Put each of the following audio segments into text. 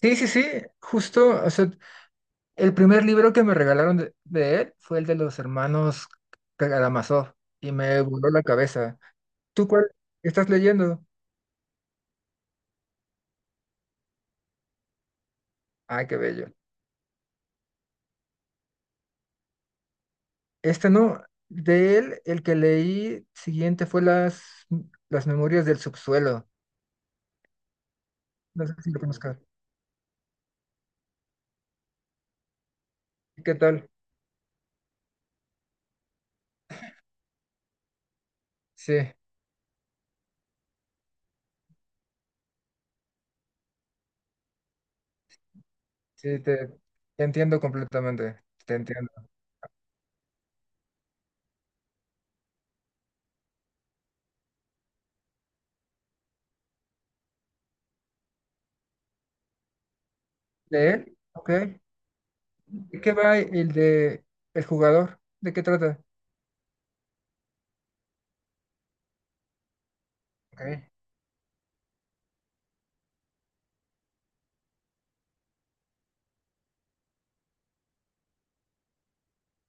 Sí, sí, sí, justo, o sea, el primer libro que me regalaron de él fue el de los hermanos Karamazov, y me voló la cabeza. ¿Tú cuál estás leyendo? Ay, qué bello. Este no, de él el que leí siguiente fue las Memorias del Subsuelo. No sé si lo conozcas. ¿Qué tal? Sí, sí, te entiendo completamente, te entiendo. ¿De él? Ok. ¿De qué va el de el jugador? ¿De qué trata? Ok,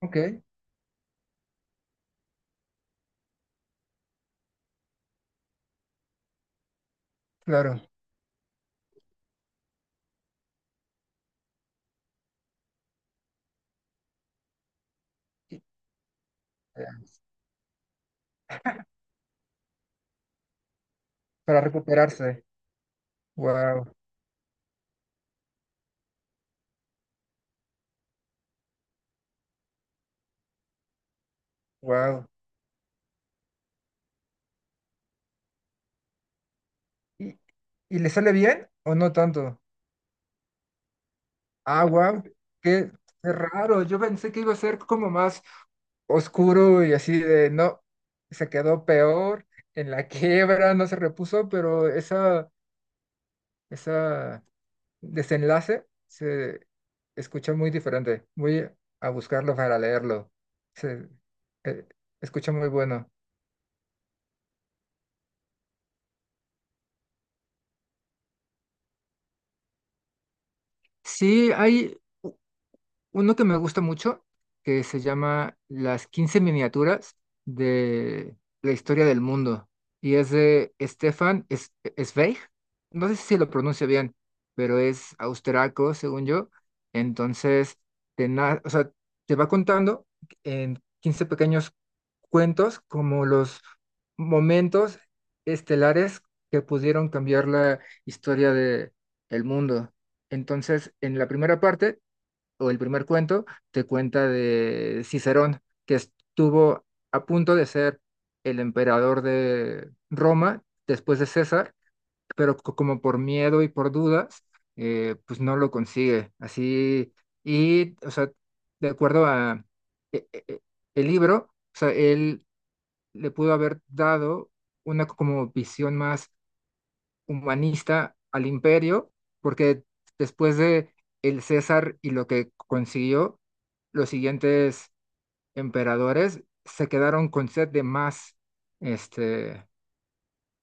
ok, claro. y- para recuperarse. Wow, wow. ¿Y, y le sale bien o no tanto? Ah, wow, qué, qué raro. Yo pensé que iba a ser como más oscuro y así de no, se quedó peor, en la quiebra, no se repuso, pero esa desenlace se escucha muy diferente. Voy a buscarlo para leerlo. Se eh, escucha muy bueno. Sí, hay uno que me gusta mucho, que se llama Las Quince Miniaturas de la Historia del Mundo. Y es de Zweig. No sé si lo pronuncio bien, pero es austriaco, según yo. Entonces, o sea, te va contando en 15 pequeños cuentos como los momentos estelares que pudieron cambiar la historia de, el mundo. Entonces, en la primera parte o el primer cuento, te cuenta de Cicerón, que estuvo a punto de ser el emperador de Roma después de César, pero como por miedo y por dudas, pues no lo consigue. Así, y, o sea, de acuerdo a e- e- e- el libro, o sea, él le pudo haber dado una como visión más humanista al imperio, porque después de el César y lo que consiguió, los siguientes emperadores se quedaron con sed de más este,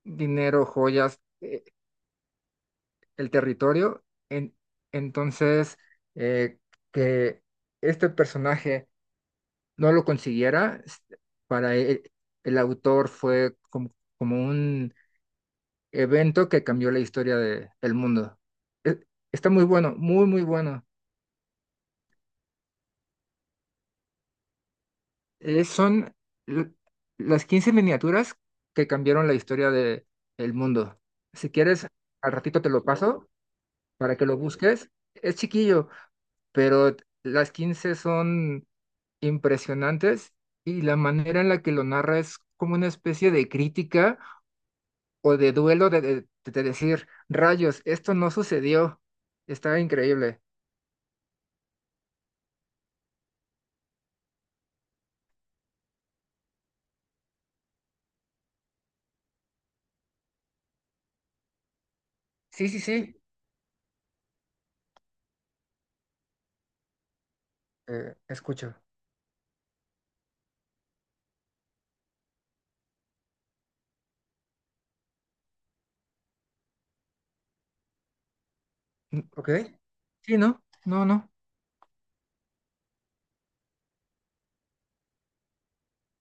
dinero, joyas, el territorio. Entonces, eh, que este personaje no lo consiguiera, para el autor fue como, como un evento que cambió la historia del mundo. E- Está muy bueno, muy, muy bueno. Son l- las quince miniaturas que cambiaron la historia del mundo. Si quieres, al ratito te lo paso para que lo busques. Es chiquillo, pero las 15 son impresionantes, y la manera en la que lo narra es como una especie de crítica o de duelo de, de decir, rayos, esto no sucedió. Está increíble. Sí, sí, sí. Escucho. ¿Ok? Sí, ¿no? No, no.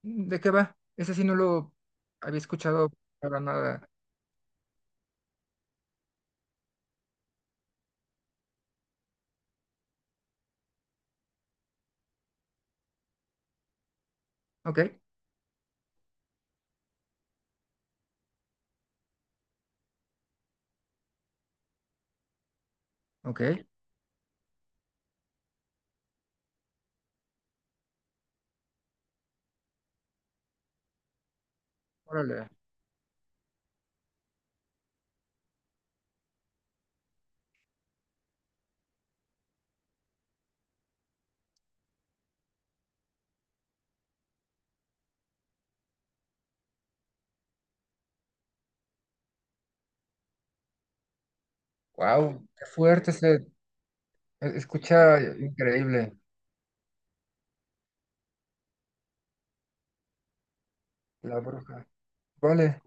¿De qué va? Ese sí no lo había escuchado para nada. ¿Ok? ¿Ok? Órale. Wow, qué fuerte se escucha increíble la bruja. Vale.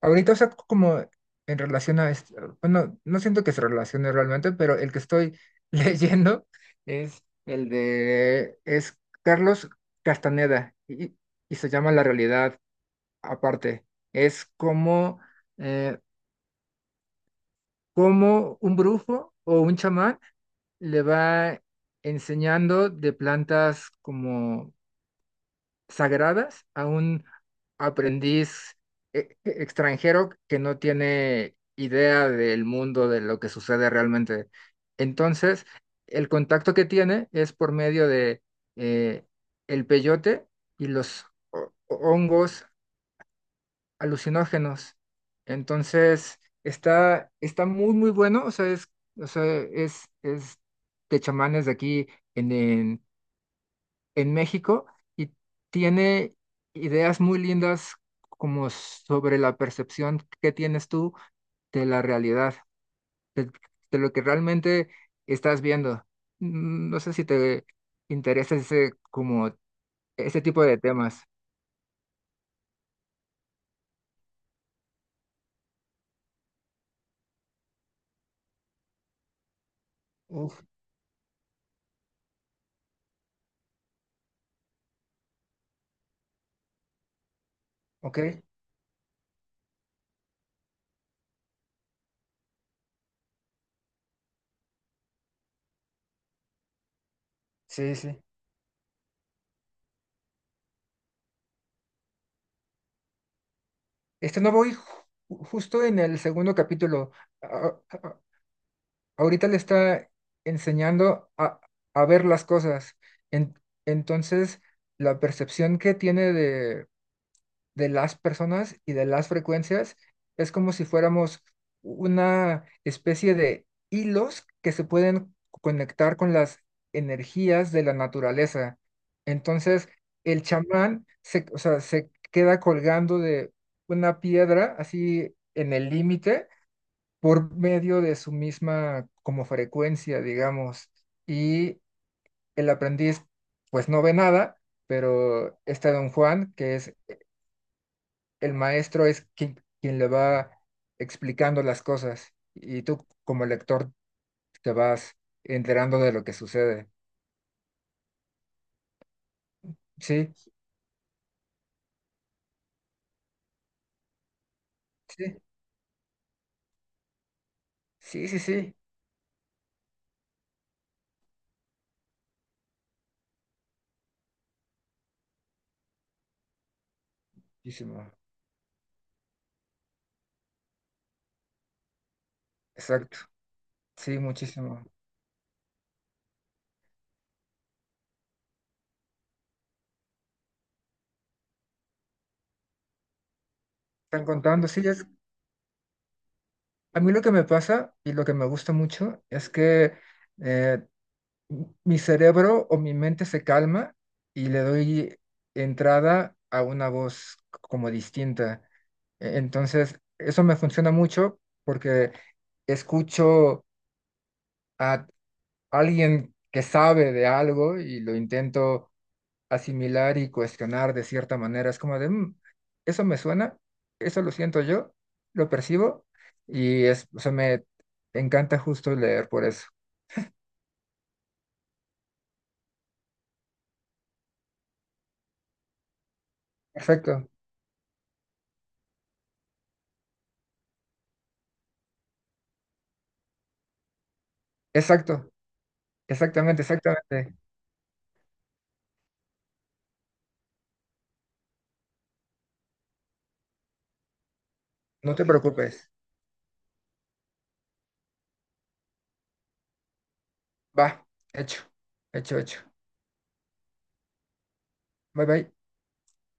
Ahorita, o sea, como en relación a esto, bueno, no siento que se relacione realmente, pero el que estoy leyendo es es Carlos Castaneda, y se llama La Realidad Aparte. Es como, eh, como un brujo o un chamán le va enseñando de plantas como sagradas a un aprendiz extranjero que no tiene idea del mundo, de lo que sucede realmente. Entonces, el contacto que tiene es por medio de eh, el peyote y los hongos alucinógenos. Entonces, está, está muy, muy bueno. O sea, es, es de chamanes de aquí en, en, en México, y tiene ideas muy lindas como sobre la percepción que tienes tú de la realidad, de, de lo que realmente estás viendo. No sé si te interesa ese, como, ese tipo de temas. Uf, ok, sí, sí. Este no, voy justo en el segundo capítulo. A- a- Ahorita le está enseñando a ver las cosas. En- entonces, la percepción que tiene de las personas y de las frecuencias, es como si fuéramos una especie de hilos que se pueden conectar con las energías de la naturaleza. Entonces, el chamán se, o sea, se queda colgando de una piedra así en el límite por medio de su misma como frecuencia, digamos. Y el aprendiz pues no ve nada, pero este don Juan, que es el maestro, es quien le va explicando las cosas, y tú como lector te vas enterando de lo que sucede. Sí, sí, sí, sí, sí. Muchísimo. Exacto. Sí, muchísimo. Están contando, sí, es... A mí lo que me pasa y lo que me gusta mucho es que eh, mi cerebro o mi mente se calma y le doy entrada a una voz como distinta. Entonces, eso me funciona mucho porque escucho a alguien que sabe de algo, y lo intento asimilar y cuestionar de cierta manera. Es como de, "Mm, eso me suena, eso lo siento yo, lo percibo", y es, o sea, me encanta justo leer por eso. Perfecto, exacto, exactamente, exactamente. No te preocupes. Va, hecho, hecho, hecho. Bye bye.